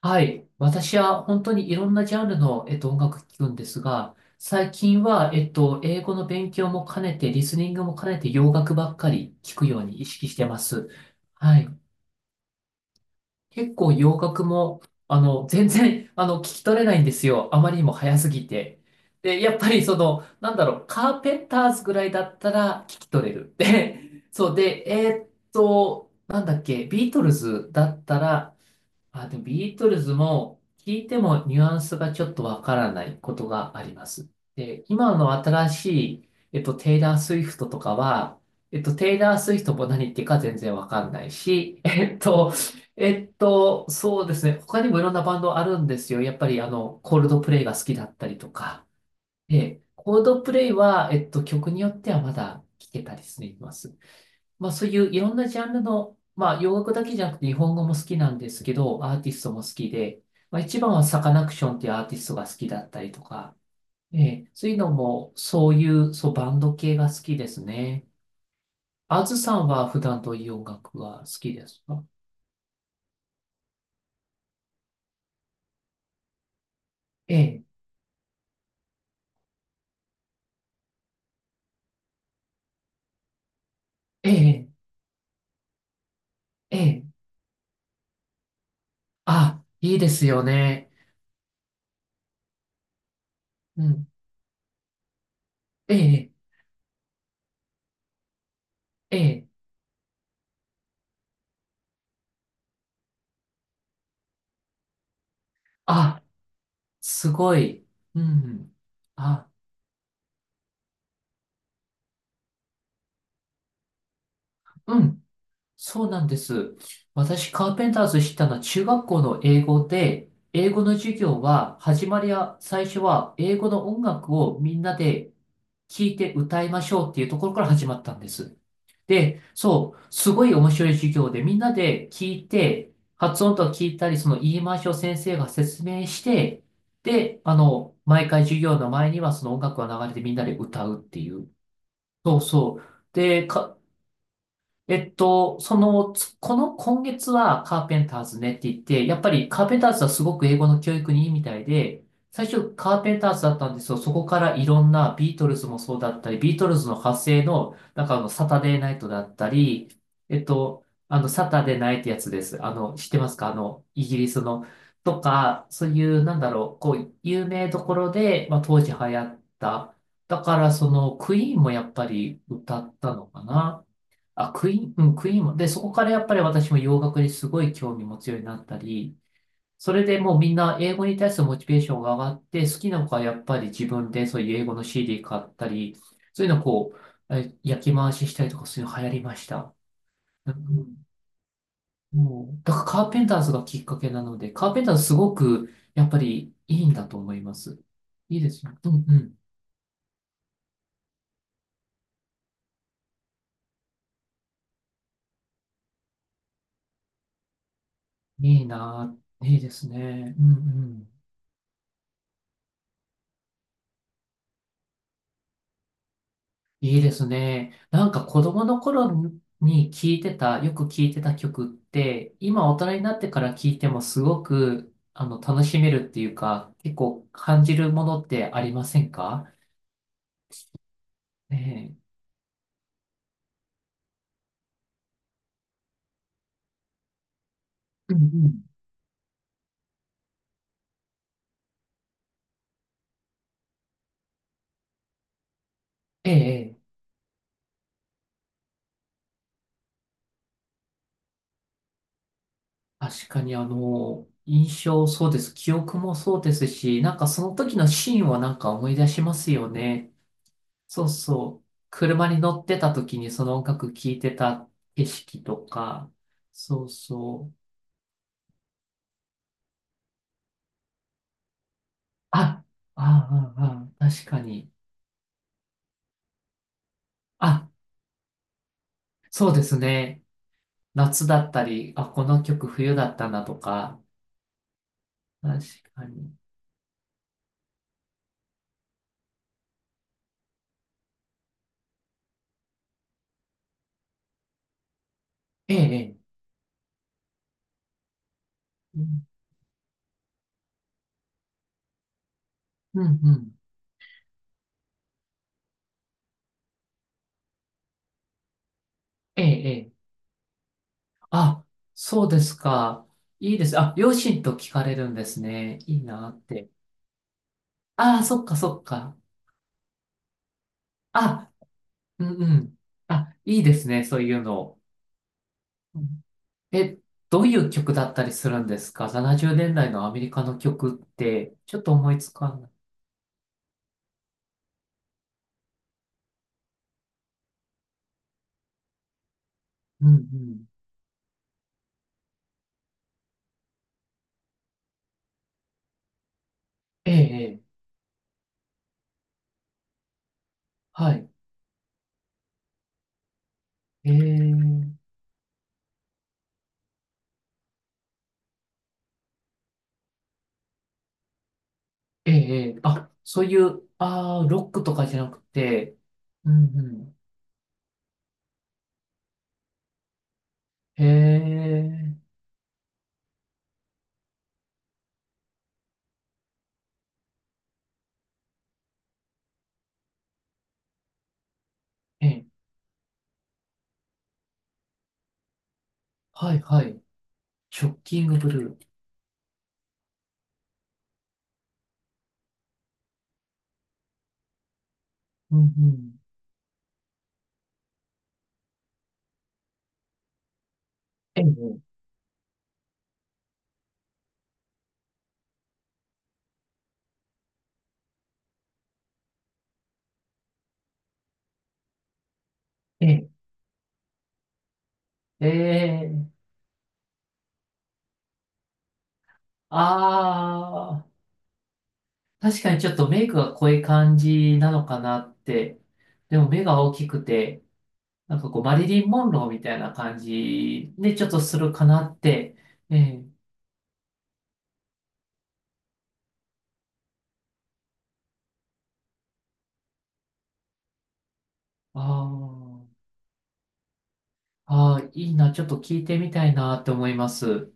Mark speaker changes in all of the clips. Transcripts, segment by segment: Speaker 1: はい。私は本当にいろんなジャンルの、音楽聴くんですが、最近は、英語の勉強も兼ねて、リスニングも兼ねて洋楽ばっかり聴くように意識してます。はい。結構洋楽も、あの、全然、あの、聞き取れないんですよ。あまりにも早すぎて。で、やっぱりその、なんだろう、カーペンターズぐらいだったら聞き取れる。で、そうで、なんだっけ、ビートルズだったら、あ、でもビートルズも聞いてもニュアンスがちょっとわからないことがあります。で、今の新しい、テイラー・スウィフトとかは、テイラー・スウィフトも何言ってるか全然わかんないし、そうですね、他にもいろんなバンドあるんですよ。やっぱりあの、コールドプレイが好きだったりとか。で、コールドプレイは、曲によってはまだ聞けたりしています。まあそういういろんなジャンルの、まあ洋楽だけじゃなくて日本語も好きなんですけど、アーティストも好きで、まあ一番はサカナクションっていうアーティストが好きだったりとか、ええ、そういうのもそういう、そうバンド系が好きですね。あずさんは普段どういう音楽が好きですか？ええ、ええ、ええ、あ、いいですよね。うん、ええ、ええ、あ、すごい。うん、あ、うん。そうなんです。私、カーペンターズ知ったのは中学校の英語で、英語の授業は、始まりは、最初は英語の音楽をみんなで聴いて歌いましょうっていうところから始まったんです。で、そう、すごい面白い授業で、みんなで聞いて、発音とか聞いたり、その言い回しを先生が説明して、で、あの、毎回授業の前にはその音楽が流れてみんなで歌うっていう。そうそう。で、かその、つこの今月はカーペンターズねって言って、やっぱりカーペンターズはすごく英語の教育にいいみたいで、最初カーペンターズだったんですよ。そこからいろんなビートルズもそうだったり、ビートルズの派生の、なんかあの、サタデーナイトだったり、あの、サタデーナイってやつです。あの、知ってますか？あの、イギリスの。とか、そういう、なんだろう、こう、有名どころで、まあ、当時流行った。だから、その、クイーンもやっぱり歌ったのかな。あ、クイーン、うん、クイーンも。で、そこからやっぱり私も洋楽にすごい興味持つようになったり、それでもうみんな英語に対するモチベーションが上がって、好きな子はやっぱり自分でそういう英語の CD 買ったり、そういうのをこう、え焼き回ししたりとかそういうの流行りました。うん、もう、だからカーペンターズがきっかけなので、カーペンターズすごくやっぱりいいんだと思います。いいですよ。うんうん。いいな、いいですね。うんうん。いいですね。なんか子供の頃に聞いてた、よく聞いてた曲って、今大人になってから聞いてもすごく、あの、楽しめるっていうか、結構感じるものってありませんか？ええ。うんうん。ええ、ええ確かにあの、印象そうです。記憶もそうですし、なんかその時のシーンはなんか思い出しますよね。そうそう。車に乗ってた時にその音楽聴いてた景色とか、そうそう。あ、ああ、ああ、確かに。あ、そうですね。夏だったり、あ、この曲冬だったなとか。確かに。ええ、ええ。うん、うん。ええ、ええ。あ、そうですか。いいです。あ、両親と聞かれるんですね。いいなって。ああ、そっか、そっか。あ、うん、うん。あ、いいですね。そういうの。うんえ、どういう曲だったりするんですか？ 70 年代のアメリカの曲って、ちょっと思いつかない。うんうん。ええ、ええはい。ええ、ええ、ええあ、そういう、ああ、ロックとかじゃなくて、うんうん。ええ、ええ、はい、はい。ショッキングブルー。うんうん。ええ、ええ、ええ、ああ、確かにちょっとメイクが濃い感じなのかなって。でも目が大きくて、なんかこう、マリリン・モンローみたいな感じで、ちょっとするかなって。ええ、ああ。ああ、いいな、ちょっと聞いてみたいなって思います。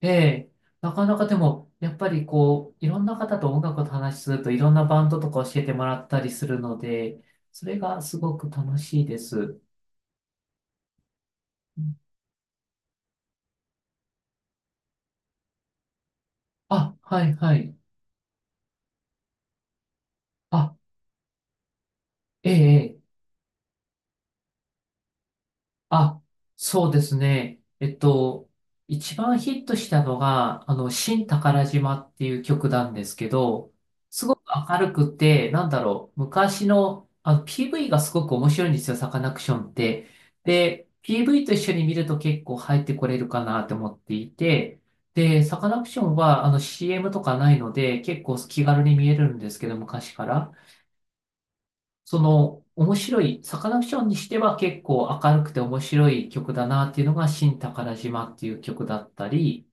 Speaker 1: ええ、なかなかでも、やっぱりこう、いろんな方と音楽を話しすると、いろんなバンドとか教えてもらったりするので、それがすごく楽しいです。うんあ、はいはい。あ、ええ、ええあ、そうですね。一番ヒットしたのが、あの、新宝島っていう曲なんですけど、明るくて、なんだろう、昔の、あの、PV がすごく面白いんですよ、サカナクションって。で、PV と一緒に見ると結構入ってこれるかなと思っていて、で、サカナクションは、あの、CM とかないので、結構気軽に見えるんですけど、昔から。その、面白い、サカナクションにしては結構明るくて面白い曲だなっていうのが、新宝島っていう曲だったり、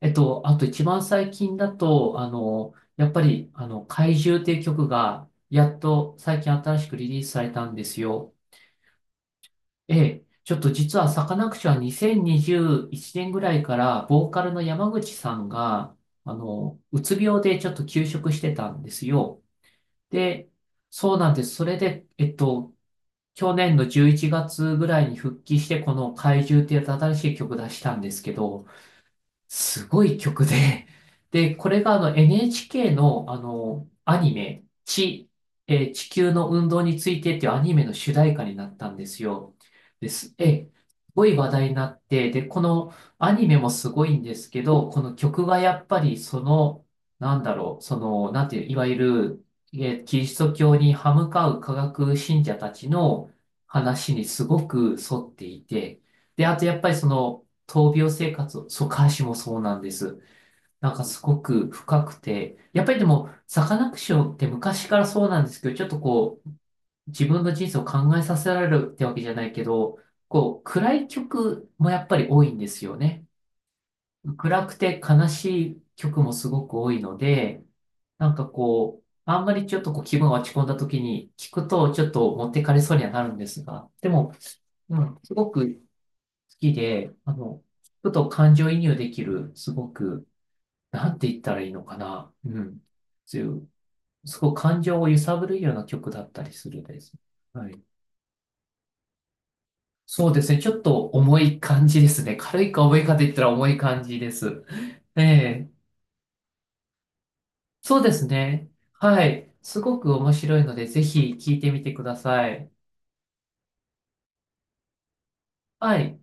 Speaker 1: あと一番最近だと、あの、やっぱり、あの、怪獣っていう曲が、やっと最近新しくリリースされたんですよ。ええ、ちょっと実はサカナクションは2021年ぐらいから、ボーカルの山口さんが、あの、うつ病でちょっと休職してたんですよ。で、そうなんです。それで、去年の11月ぐらいに復帰して、この怪獣っていう新しい曲出したんですけど、すごい曲で、で、これがあの NHK のあのアニメ、地、えー地球の運動についてっていうアニメの主題歌になったんですよ。です。えー、すごい話題になって、で、このアニメもすごいんですけど、この曲がやっぱりその、なんだろう、その、なんていう、いわゆる、えーキリスト教に歯向かう科学信者たちの話にすごく沿っていて、で、あとやっぱりその、闘病生活を、そう、歌詞もそうなんです。なんかすごく深くて、やっぱりでも、サカナクションって昔からそうなんですけど、ちょっとこう、自分の人生を考えさせられるってわけじゃないけど、こう、暗い曲もやっぱり多いんですよね。暗くて悲しい曲もすごく多いので、なんかこう、あんまりちょっとこう気分が落ち込んだ時に聞くとちょっと持ってかれそうにはなるんですが、でも、うん、すごくきで、あの、ちょっと感情移入できる、すごく、なんて言ったらいいのかな。うん。そういう、すごく感情を揺さぶるような曲だったりするです。はい。そうですね。ちょっと重い感じですね。軽いか重いかで言ったら重い感じです。ええ。そうですね。はい。すごく面白いので、ぜひ聴いてみてください。はい。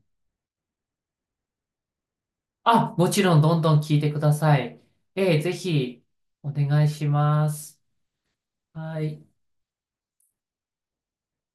Speaker 1: あ、もちろん、どんどん聴いてください。ええ、ぜひ、お願いします。はい。